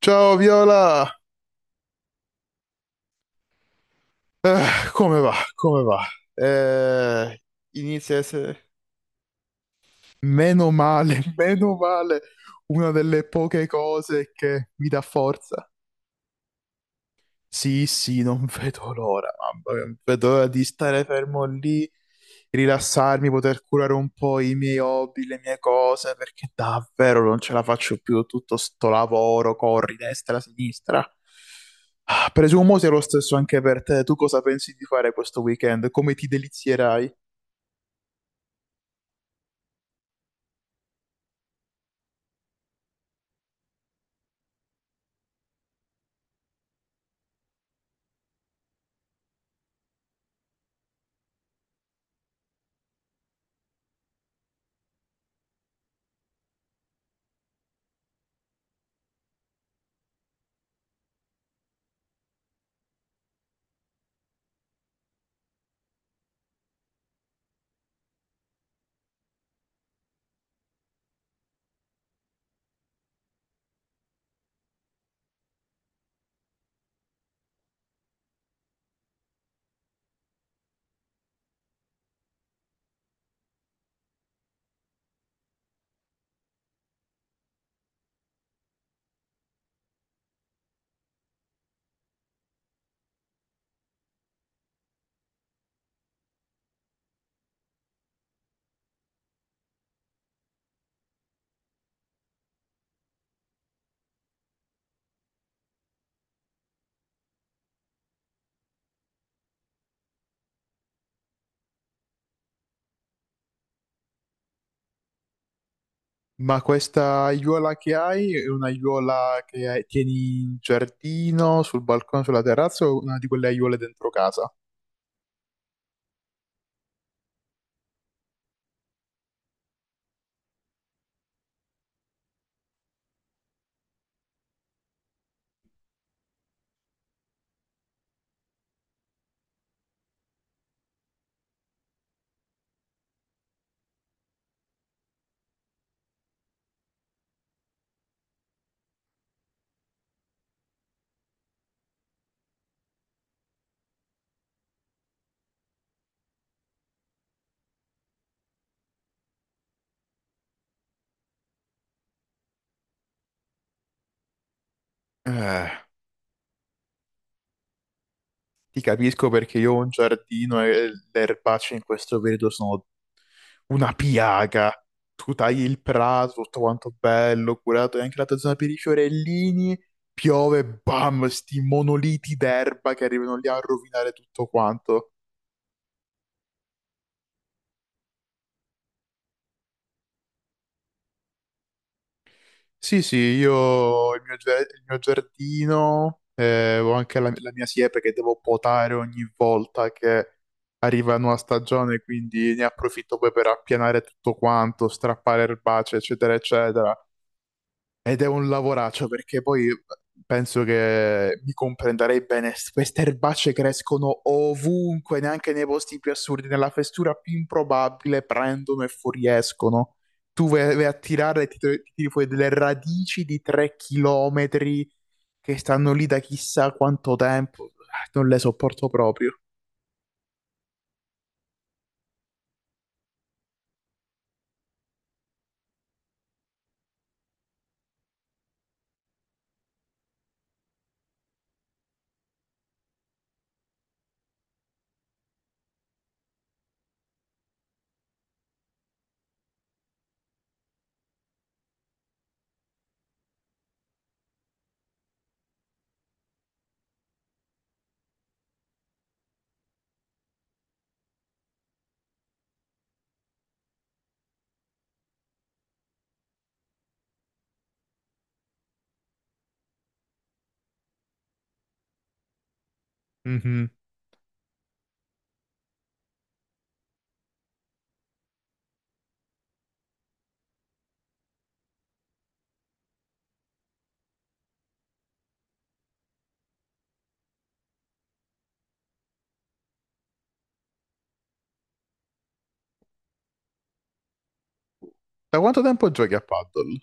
Ciao Viola, come va? Come va? Eh, inizia a essere, meno male, meno male, una delle poche cose che mi dà forza. Sì, sì, non vedo l'ora, mamma mia, non vedo l'ora di stare fermo lì, rilassarmi, poter curare un po' i miei hobby, le mie cose, perché davvero non ce la faccio più tutto sto lavoro, corri destra, sinistra. Ah, presumo sia lo stesso anche per te. Tu cosa pensi di fare questo weekend? Come ti delizierai? Ma questa aiuola che hai è un'aiuola che tieni in giardino, sul balcone, sulla terrazza o una di quelle aiuole dentro casa? Eh. Ti capisco perché io ho un giardino e le erbacce in questo periodo sono una piaga. Tu tagli il prato, tutto quanto bello, curato, e anche la tua zona per i fiorellini, piove, bam, sti monoliti d'erba che arrivano lì a rovinare tutto quanto. Sì, sì, io ho il mio, il mio giardino, ho anche la mia siepe che devo potare ogni volta che arriva una nuova stagione, quindi ne approfitto poi per appianare tutto quanto, strappare erbacee, eccetera, eccetera. Ed è un lavoraccio perché poi penso che mi comprenderei bene. Queste erbacce crescono ovunque, neanche nei posti più assurdi, nella fessura più improbabile prendono e fuoriescono. Tu vai, vai a tirare e ti tiri fuori delle radici di 3 chilometri che stanno lì da chissà quanto tempo. Ah, non le sopporto proprio. Mhm. Da quanto tempo giochi a paddle?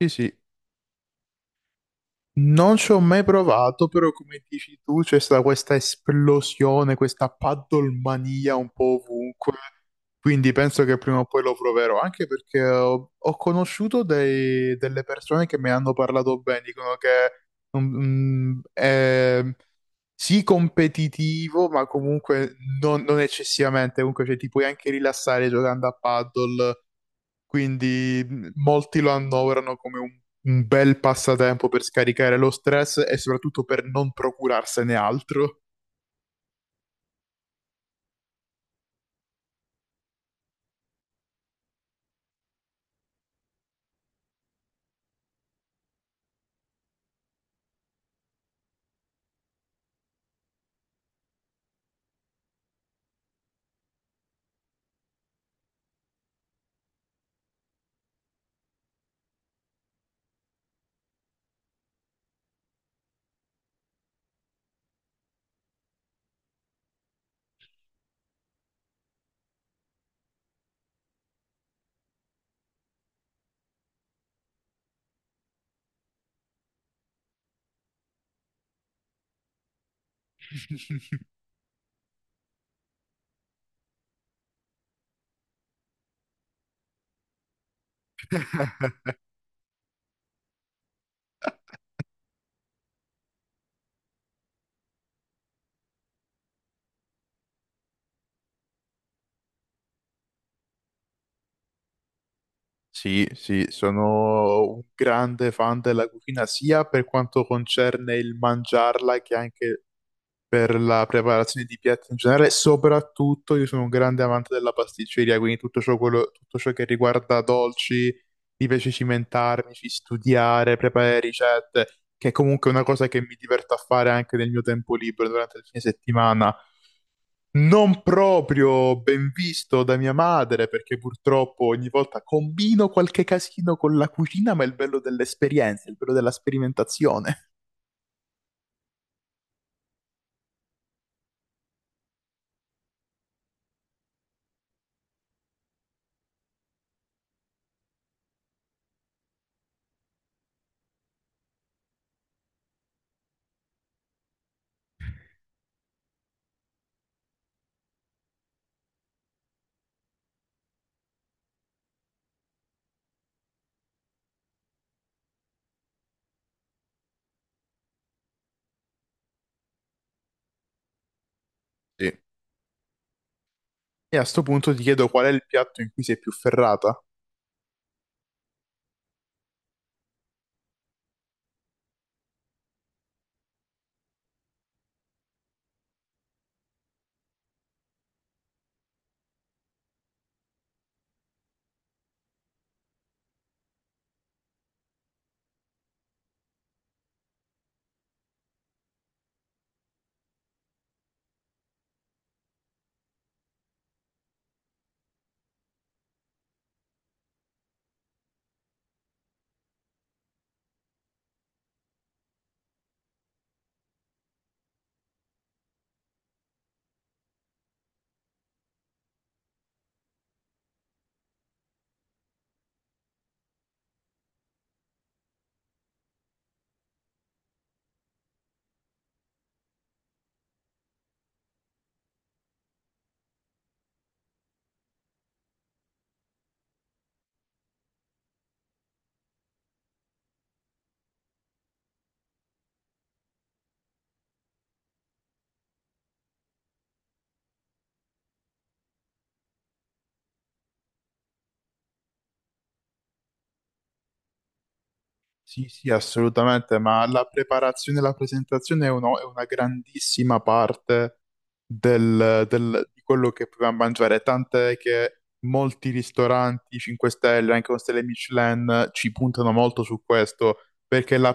Sì, sì. Non ci ho mai provato, però come dici tu c'è stata questa esplosione, questa paddlemania un po' ovunque, quindi penso che prima o poi lo proverò, anche perché ho conosciuto delle persone che mi hanno parlato bene, dicono che mm, è sì competitivo, ma comunque non eccessivamente, comunque cioè, ti puoi anche rilassare giocando a paddle, quindi molti lo annoverano come un bel passatempo per scaricare lo stress e soprattutto per non procurarsene altro. Sì, sì, sono un grande fan della cucina sia per quanto concerne il mangiarla che anche per la preparazione di piatti in generale, soprattutto io sono un grande amante della pasticceria, quindi tutto ciò, tutto ciò che riguarda dolci, mi piace cimentarmi, ci studiare, preparare ricette, che è comunque una cosa che mi diverto a fare anche nel mio tempo libero durante il fine settimana. Non proprio ben visto da mia madre, perché purtroppo ogni volta combino qualche casino con la cucina, ma è il bello dell'esperienza, il bello della sperimentazione. Sì. E a sto punto ti chiedo qual è il piatto in cui sei più ferrata? Sì, sì, assolutamente, ma la preparazione e la presentazione è, è una grandissima parte di quello che proviamo a mangiare, tant'è che molti ristoranti 5 stelle, anche con stelle Michelin, ci puntano molto su questo, perché la,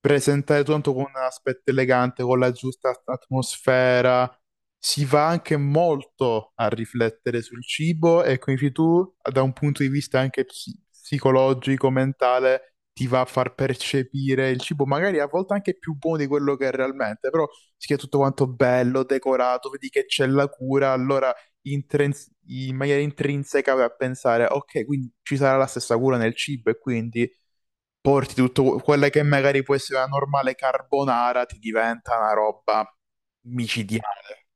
presentare tutto con un aspetto elegante, con la giusta atmosfera, si va anche molto a riflettere sul cibo e come dici tu, da un punto di vista anche psicologico, mentale, ti va a far percepire il cibo, magari a volte anche più buono di quello che è realmente, però si è tutto quanto bello, decorato, vedi che c'è la cura, allora in maniera intrinseca vai a pensare, ok, quindi ci sarà la stessa cura nel cibo e quindi porti tutto quella che magari può essere una normale carbonara, ti diventa una roba micidiale.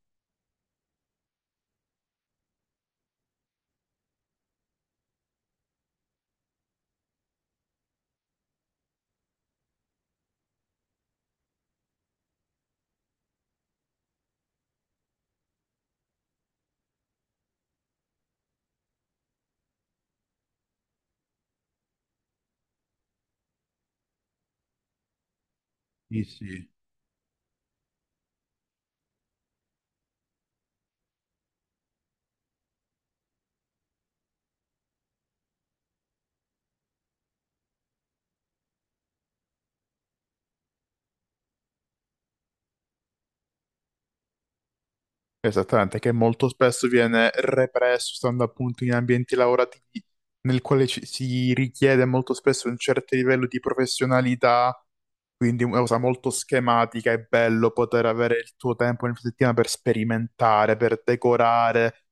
Sì, sì. Esattamente, che molto spesso viene represso, stando appunto in ambienti lavorativi nel quale si richiede molto spesso un certo livello di professionalità, quindi una cosa molto schematica, è bello poter avere il tuo tempo nel fine settimana per sperimentare, per decorare,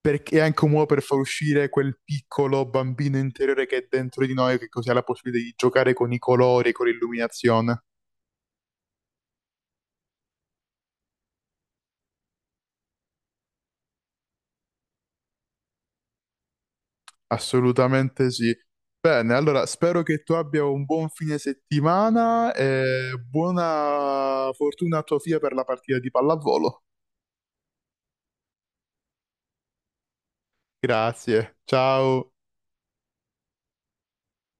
perché è anche un modo per far uscire quel piccolo bambino interiore che è dentro di noi, che così ha la possibilità di giocare con i colori, con l'illuminazione. Assolutamente sì. Bene, allora spero che tu abbia un buon fine settimana e buona fortuna a tua figlia per la partita di pallavolo. Grazie, ciao.